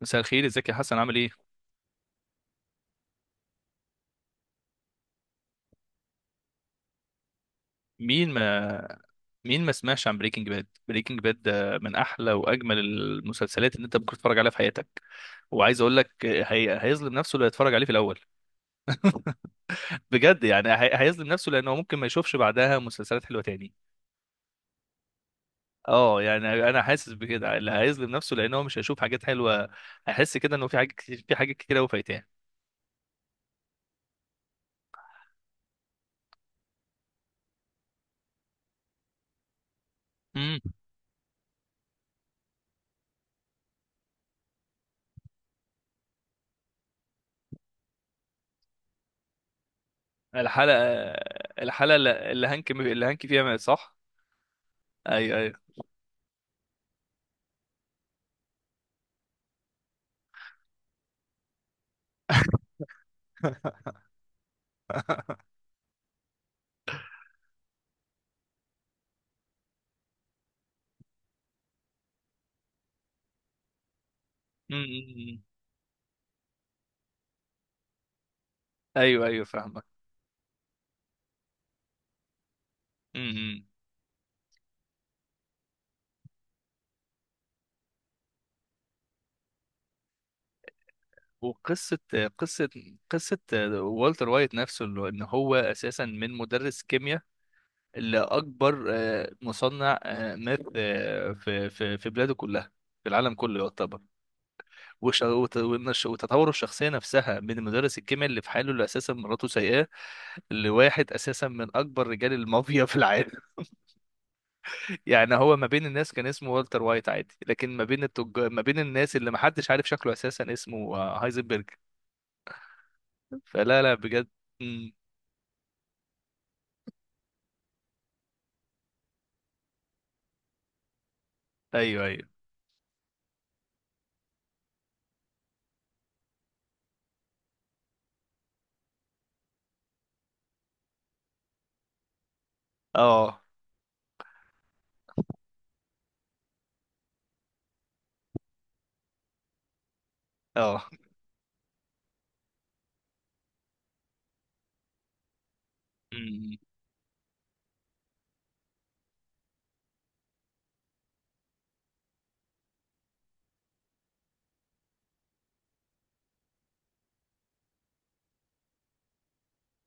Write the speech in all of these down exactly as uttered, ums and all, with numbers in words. مساء الخير، ازيك يا حسن؟ عامل ايه؟ مين ما مين ما سمعش عن بريكنج باد؟ بريكنج باد ده من احلى واجمل المسلسلات اللي انت ممكن تتفرج عليها في حياتك. وعايز اقول لك هي... هيظلم نفسه لو يتفرج عليه في الاول. بجد، يعني هي... هيظلم نفسه، لانه ممكن ما يشوفش بعدها مسلسلات حلوه تاني. اه، يعني انا حاسس بكده، اللي هيظلم نفسه لان هو مش هيشوف حاجات حلوه. هيحس كده انه في حاجات كتير في حاجات كتير قوي فايتاه. امم. الحلقه الحلقه اللي اللي هانك اللي هانك فيها، صح؟ ايوه ايوه. امم. ايوه ايوه، فاهمك. امم. وقصة قصة قصة والتر وايت نفسه، اللي هو- ان هو اساسا من مدرس كيمياء لاكبر آه، مصنع آه، ماث آه، في في في بلاده كلها، في العالم كله يعتبر. وش- وت- وإن الش- وتطور الشخصية نفسها من مدرس الكيمياء اللي في حاله، اللي اساسا مراته سايقاه، لواحد اساسا من اكبر رجال المافيا في العالم. يعني هو ما بين الناس كان اسمه والتر وايت عادي، لكن ما بين التج... ما بين الناس اللي ما حدش عارف شكله اساسا اسمه آه، هايزنبرج. فلا، لا، بجد. ايوه ايوه. اه اه. أمم.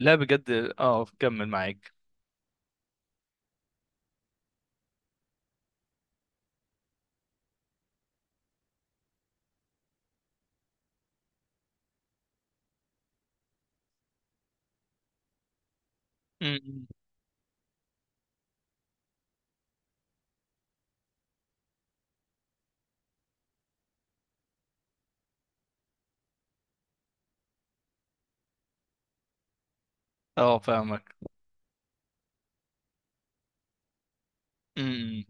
لا، بجد، اه كمل معاك. أمم. اه، فاهمك. أمم.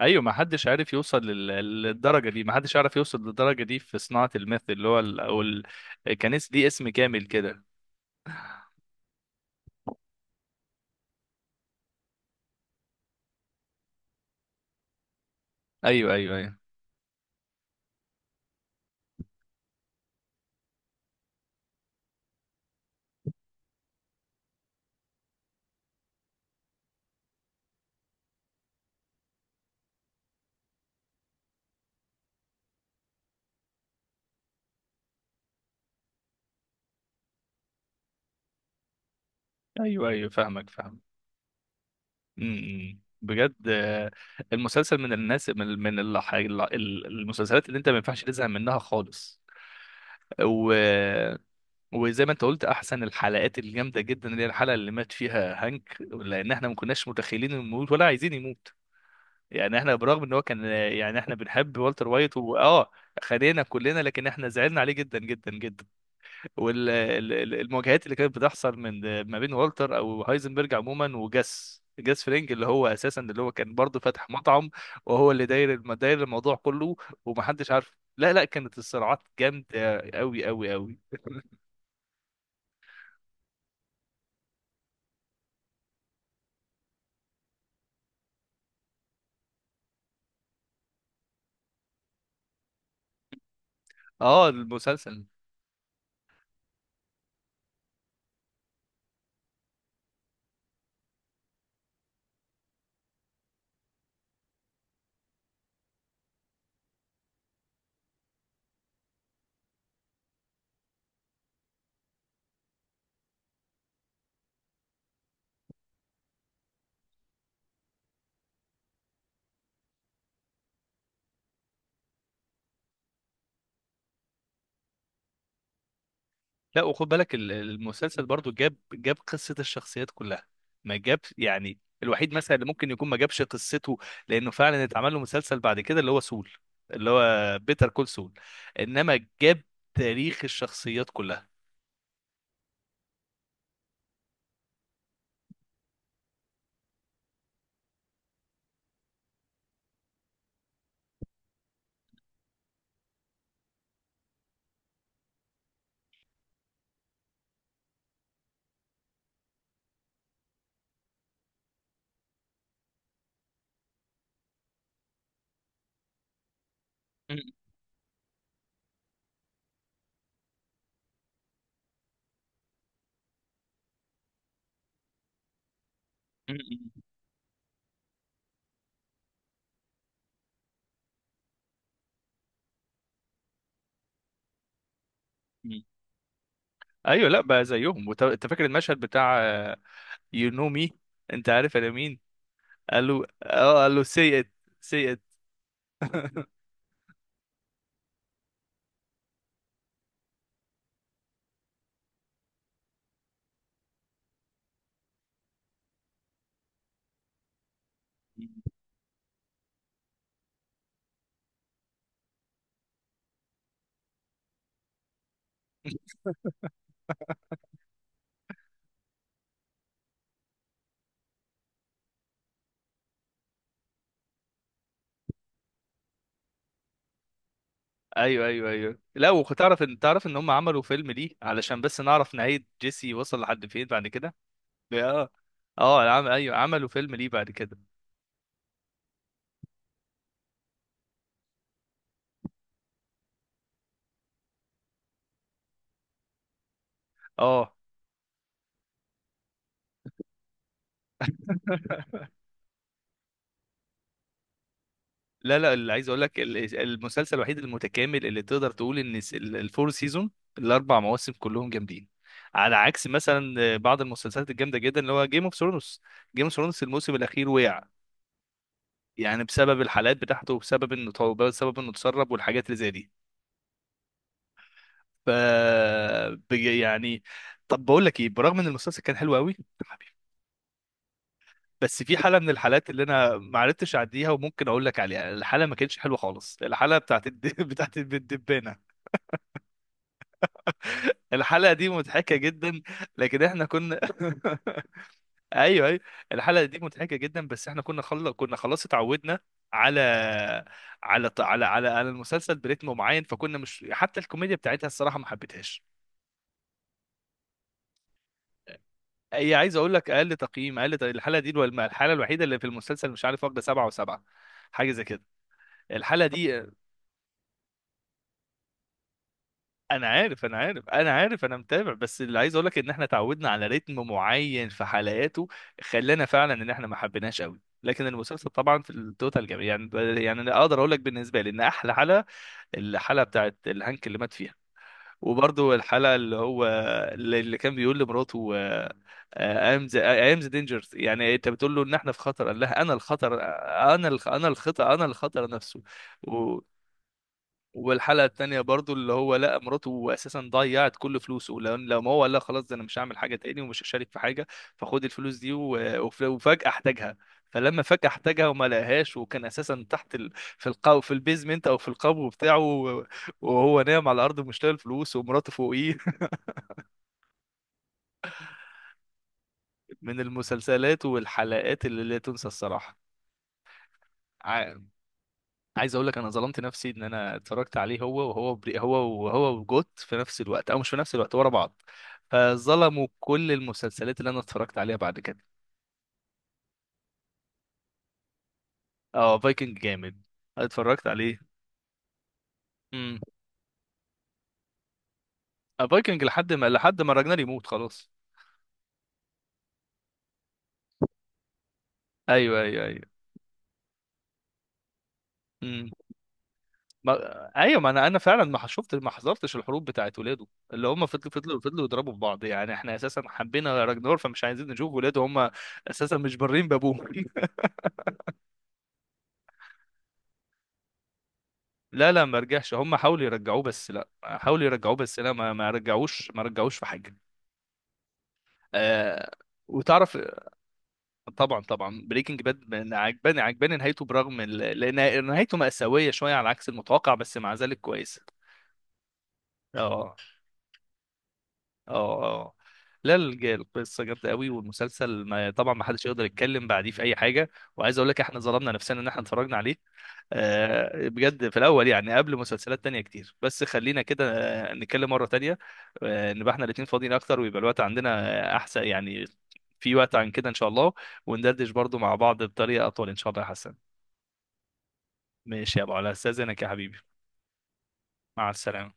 ايوه، ما حدش عارف يوصل لل- للدرجه دي ما حدش عارف يوصل للدرجه دي في صناعه الميث. اللي هو ال... او ال... كان اس- دي اسم كامل كده. ايوه ايوه ايوه. ايوه ايوه، فاهمك فاهم. أمم. امم. بجد، آه، المسلسل من الناس من من الح- ال- المسلسلات اللي انت ما ينفعش تزهق منها خالص. و... وزي ما انت قلت، احسن الحلقات الجامده جدا اللي هي الحلقه اللي مات فيها هانك، لان احنا ما كناش متخيلين انه يموت ولا عايزين يموت. يعني احنا برغم ان هو كان يعني احنا بنحب والتر وايت، واه، خلينا كلنا، لكن احنا زعلنا عليه جدا جدا جدا. والمواجهات اللي كانت بتحصل من ما بين والتر او هايزنبرج عموما وجاس جاس فرينج، اللي هو اساسا اللي هو كان برضه فاتح مطعم، وهو اللي داير الم- داير الموضوع كله ومحدش عارف. لا لا، كانت الصراعات جامده قوي قوي قوي. اه، المسلسل. لا، وخد بالك، ال- المسلسل برضو جاب جاب قصة الشخصيات كلها. ما جاب، يعني الوحيد مثلا اللي ممكن يكون ما جابش قصته، لأنه فعلا اتعمل له مسلسل بعد كده اللي هو سول، اللي هو بيتر كول سول، إنما جاب تاريخ الشخصيات كلها. م- م- م- م. أيوه، لا بقى زيهم، وت- أنت فاكر المشهد بتاع "يو نو مي"، أنت عارف أنا مين؟ قال له اه قال له "سي إت". سي إت. ايوه ايوه ايوه. لا، وكنت تعرف ان تعرف ان هم عملوا فيلم ليه علشان بس نعرف نهاية جيسي وصل لحد فين بعد كده. اه اه، عم... ايوه، عملوا فيلم ليه بعد كده. اه. لا لا، اللي عايز اقول لك ال- المسلسل الوحيد المتكامل اللي تقدر تقول ان الس- ال- الفور سيزون، الاربع مواسم كلهم جامدين. على عكس مثلا بعض المسلسلات الجامده جدا اللي هو جيم اوف ثرونز. جيم اوف ثرونز الموسم الاخير وقع، يعني بسبب الحلقات بتاعته وبسبب انه طو- بسبب انه اتسرب والحاجات اللي زي دي. ف بج- يعني، طب بقول لك ايه، برغم ان المسلسل كان حلو قوي، حبيبي، بس في حاله من الحالات اللي انا ما عرفتش اعديها وممكن اقول لك عليها الحاله ما كانتش حلوه خالص، الحاله بتاعت الد... بتاعت الدبانه. الحلقه دي مضحكه جدا، لكن احنا كنا ايوه ايوه. الحلقه دي مضحكه جدا بس احنا كنا خل... كنا خلاص اتعودنا على على على على على المسلسل بريتم معين، فكنا مش حتى الكوميديا بتاعتها الصراحه ما حبيتهاش. هي عايز اقول لك اقل تقييم، اقل تق- الحلقه دي الو- الحلقه الوحيده اللي في المسلسل مش عارف واخده سبعه وسبعه، حاجه زي كده الحلقه دي. انا عارف انا عارف انا عارف، انا متابع، بس اللي عايز اقول لك ان احنا اتعودنا على رتم معين في حلقاته، خلانا فعلا ان احنا ما حبيناش قوي. لكن المسلسل طبعا في التوتال جميل يعني. يعني انا اقدر اقول لك بالنسبه لي ان احلى حلقه الحلقه بتاعت الهانك اللي مات فيها، وبرضه الحلقه اللي هو اللي اللي كان بيقول لمراته ايام ذا ايام ذا دينجرز"، يعني انت بتقول له ان احنا في خطر، قال لها "انا الخطر". انا الخ... انا الخطر، انا الخطر نفسه. و... والحلقه التانيه برضو اللي هو لقى مراته اساسا ضيعت كل فلوسه، لو لو ما هو قال لها خلاص ده انا مش هعمل حاجه تاني ومش هشارك في حاجه، فخد الفلوس دي و- وف- وفجاه احتاجها. فلما فجاه احتاجها وما لقاهاش، وكان اساسا تحت ال... في القو في البيزمنت او في القبو بتاعه و- وهو نايم على الارض مش لاقي الفلوس ومراته فوقيه. من المسلسلات والحلقات اللي لا تنسى الصراحه. عايز اقول لك انا ظلمت نفسي ان انا اتفرجت عليه هو وهو بري هو وهو وجوت في نفس الوقت، او مش في نفس الوقت، ورا بعض، فظلموا كل المسلسلات اللي انا اتفرجت عليها بعد كده. اه، فايكنج جامد، اتفرجت عليه. امم. فايكنج لحد ما لحد ما راجنر يموت خلاص. ايوه ايوه ايوه. امم. ما... ايوه، ما انا انا فعلا ما شفت ما حضرتش الحروب بتاعت ولاده اللي هم فضلوا فضلوا فضلوا يضربوا في بعض. يعني احنا اساسا حبينا راجنور، فمش عايزين نشوف ولاده هم اساسا مش بارين بابوه. لا لا، ما رجعش، هم حاولوا يرجعوه بس لا حاولوا يرجعوه بس لا، ما ما رجعوش ما رجعوش في حاجه. آه وتعرف، طبعا طبعا بريكنج باد عجباني، عجباني نهايته، برغم ال- لان نهايته مأساويه شويه على عكس المتوقع، بس مع ذلك كويسه. اه اه اه. لا، الج- القصه جامده قوي والمسلسل، ما طبعا، ما حدش يقدر يتكلم بعديه في اي حاجه. وعايز اقول لك احنا ظلمنا نفسنا ان احنا اتفرجنا عليه آه، بجد في الاول، يعني قبل مسلسلات تانية كتير، بس خلينا كده آه، نتكلم مره تانية، آه، نبقى احنا الاتنين فاضيين اكتر ويبقى الوقت عندنا، آه، احسن يعني، في وقت عن كده ان شاء الله، وندردش برضو مع بعض بطريقه اطول ان شاء الله يا حسن. ماشي يا ابو علاء، استاذنك يا حبيبي. مع السلامه.